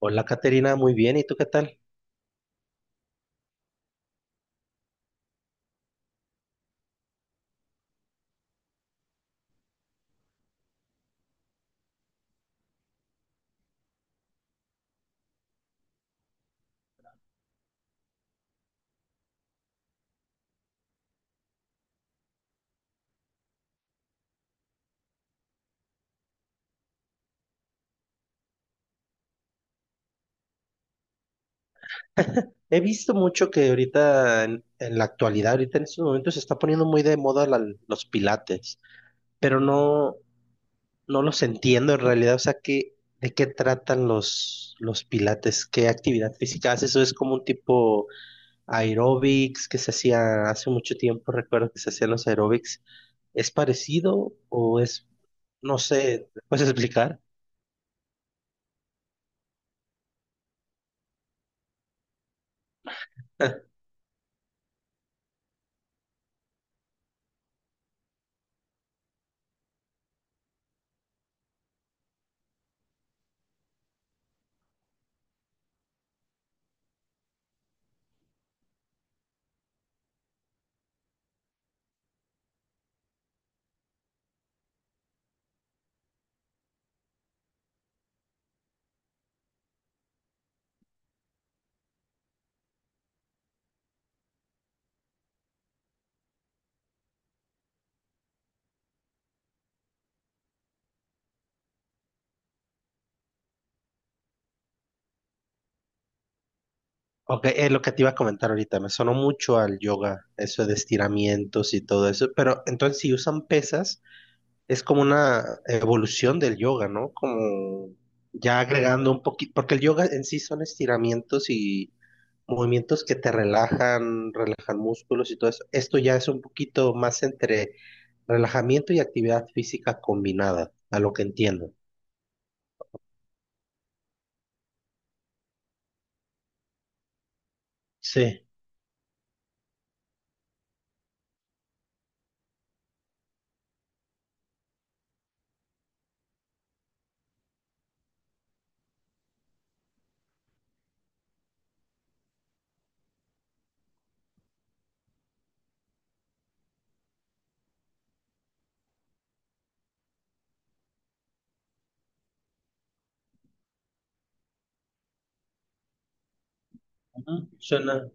Hola, Caterina, muy bien. ¿Y tú qué tal? He visto mucho que ahorita, en la actualidad, ahorita en estos momentos, se está poniendo muy de moda los Pilates, pero no, no los entiendo en realidad. O sea, de qué tratan los Pilates? ¿Qué actividad física haces? ¿Eso es como un tipo aeróbics que se hacía hace mucho tiempo? Recuerdo que se hacían los aeróbics. ¿Es parecido no sé, puedes explicar? Ok, es lo que te iba a comentar ahorita, me sonó mucho al yoga, eso de estiramientos y todo eso, pero entonces si usan pesas, es como una evolución del yoga, ¿no? Como ya agregando un poquito, porque el yoga en sí son estiramientos y movimientos que te relajan, relajan músculos y todo eso. Esto ya es un poquito más entre relajamiento y actividad física combinada, a lo que entiendo. Sí. Ujú. Suena,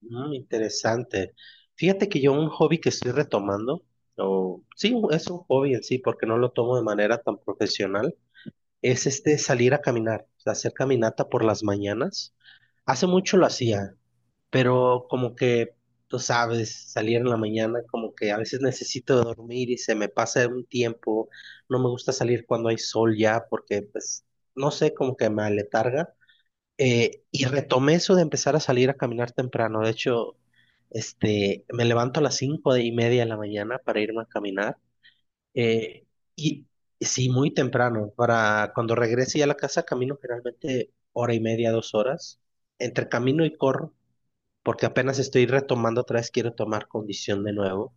Interesante. Fíjate que yo un hobby que estoy retomando, o sí, es un hobby en sí, porque no lo tomo de manera tan profesional, es este salir a caminar, o sea, hacer caminata por las mañanas. Hace mucho lo hacía, pero como que, tú sabes, salir en la mañana, como que a veces necesito dormir y se me pasa un tiempo. No me gusta salir cuando hay sol ya, porque pues, no sé, como que me aletarga. Y retomé eso de empezar a salir a caminar temprano. De hecho, este, me levanto a las 5:30 de la mañana para irme a caminar. Eh, y y sí, muy temprano. Para cuando regrese ya a la casa, camino generalmente hora y media, 2 horas. Entre camino y corro, porque apenas estoy retomando otra vez, quiero tomar condición de nuevo.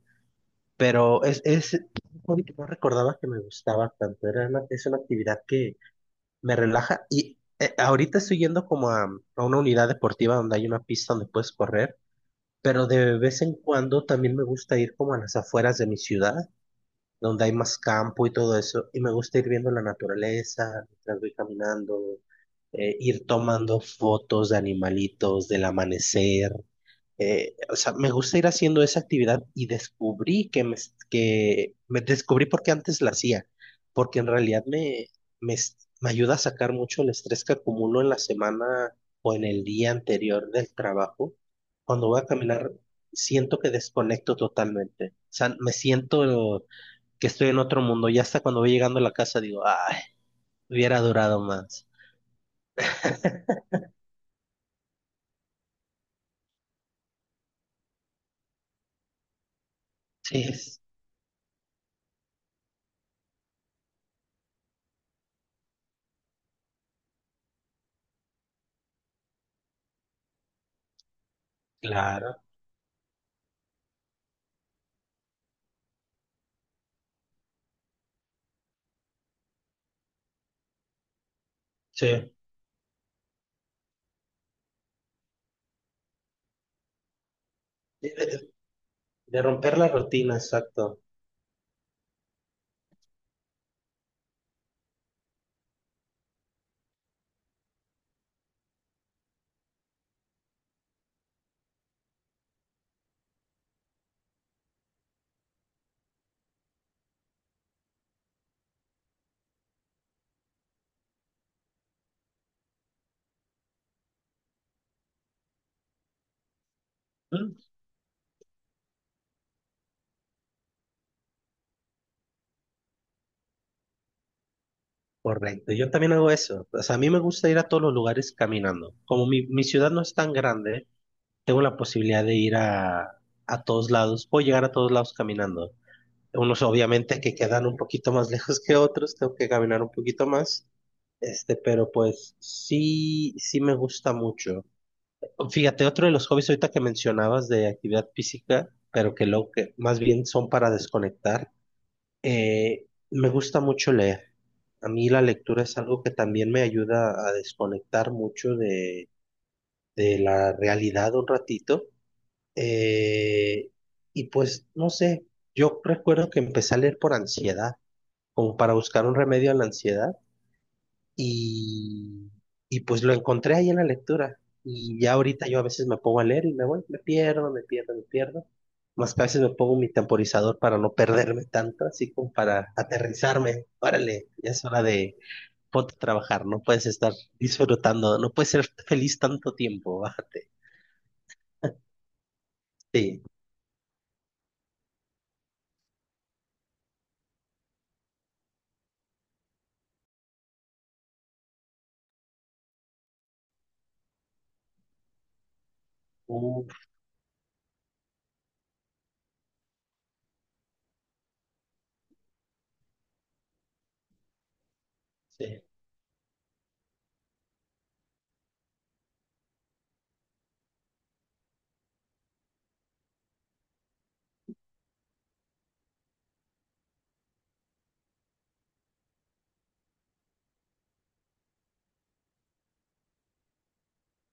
Pero es un hobby que no recordaba que me gustaba tanto. Es una actividad que me relaja. Y ahorita estoy yendo como a una unidad deportiva donde hay una pista donde puedes correr, pero de vez en cuando también me gusta ir como a las afueras de mi ciudad, donde hay más campo y todo eso, y me gusta ir viendo la naturaleza mientras voy caminando, ir tomando fotos de animalitos, del amanecer, o sea, me gusta ir haciendo esa actividad y descubrí que me descubrí porque antes la hacía, porque en realidad me, me ayuda a sacar mucho el estrés que acumulo en la semana o en el día anterior del trabajo. Cuando voy a caminar, siento que desconecto totalmente. O sea, me siento que estoy en otro mundo. Y hasta cuando voy llegando a la casa digo, ay, hubiera durado más. Sí, claro. Sí. De- de romper la rutina, exacto. Correcto, yo también hago eso. O sea, a mí me gusta ir a todos los lugares caminando. Como mi ciudad no es tan grande, tengo la posibilidad de ir a todos lados. Puedo llegar a todos lados caminando. Unos obviamente que quedan un poquito más lejos que otros, tengo que caminar un poquito más. Este, pero pues sí, sí me gusta mucho. Fíjate, otro de los hobbies ahorita que mencionabas de actividad física, pero que lo que más bien son para desconectar. Eh, me gusta mucho leer. A mí la lectura es algo que también me ayuda a desconectar mucho de la realidad un ratito. Eh, y pues, no sé, yo recuerdo que empecé a leer por ansiedad, como para buscar un remedio a la ansiedad. Y, y pues lo encontré ahí en la lectura. Y ya ahorita yo a veces me pongo a leer y me voy, me pierdo, me pierdo, me pierdo. Más que a veces me pongo mi temporizador para no perderme tanto, así como para aterrizarme. Órale, ya es hora de ponte a trabajar, no puedes estar disfrutando, no puedes ser feliz tanto tiempo, bájate. Sí, uf, sí,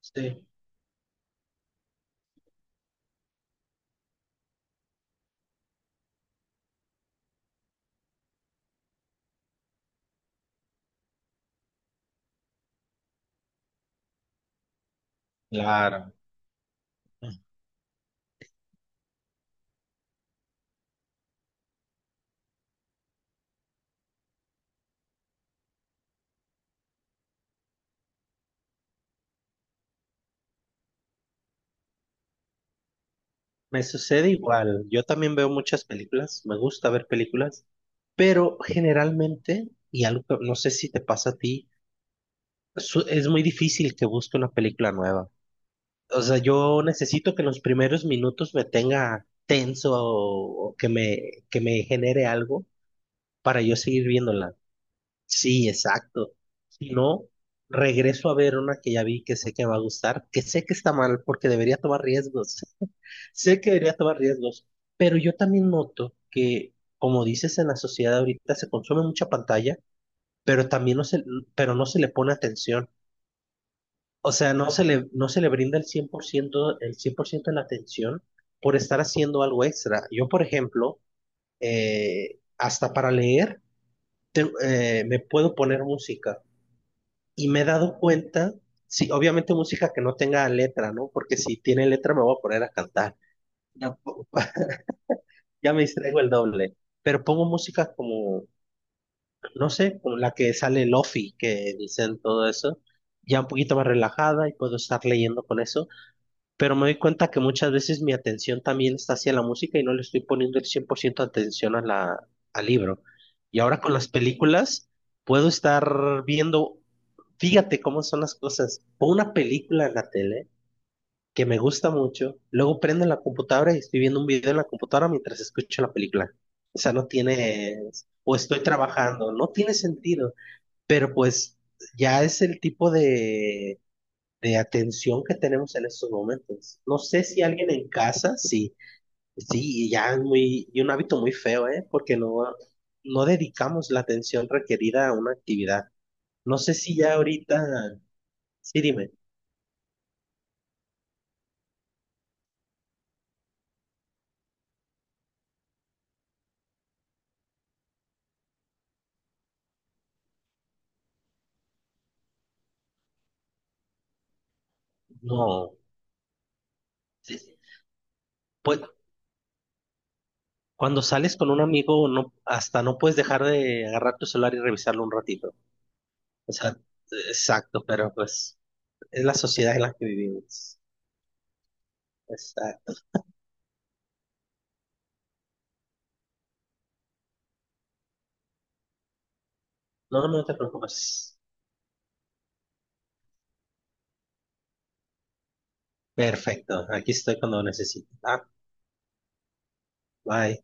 sí. Me sucede igual. Yo también veo muchas películas, me gusta ver películas, pero generalmente, y algo que no sé si te pasa a ti, es muy difícil que busque una película nueva. O sea, yo necesito que en los primeros minutos me tenga tenso o que me genere algo para yo seguir viéndola. Sí, exacto. Si no, regreso a ver una que ya vi que sé que me va a gustar, que sé que está mal porque debería tomar riesgos. Sé que debería tomar riesgos, pero yo también noto que, como dices, en la sociedad ahorita se consume mucha pantalla, pero también no se, pero no se le pone atención. O sea, no se le brinda el cien por ciento de la atención por estar haciendo algo extra. Yo, por ejemplo, hasta para leer, me puedo poner música y me he dado cuenta, sí, obviamente música que no tenga letra, ¿no? Porque si tiene letra me voy a poner a cantar. Ya, po- ya me distraigo el doble. Pero pongo música como, no sé, como la que sale Lofi, que dicen todo eso, ya un poquito más relajada y puedo estar leyendo con eso. Pero me doy cuenta que muchas veces mi atención también está hacia la música y no le estoy poniendo el 100% atención al libro. Y ahora con las películas puedo estar viendo, fíjate cómo son las cosas, pongo una película en la tele que me gusta mucho, luego prendo la computadora y estoy viendo un video en la computadora mientras escucho la película. O sea, no tiene, o estoy trabajando, no tiene sentido, pero pues ya es el tipo de atención que tenemos en estos momentos. No sé si alguien en casa, sí, sí, y un hábito muy feo, ¿eh? Porque no, no dedicamos la atención requerida a una actividad. No sé si ya ahorita, sí, dime, no, sí, pues cuando sales con un amigo, no, hasta no puedes dejar de agarrar tu celular y revisarlo un ratito. O sea, exacto, pero pues es la sociedad en la que vivimos. Exacto. No, no te preocupes. Perfecto, aquí estoy cuando necesito. Ah, bye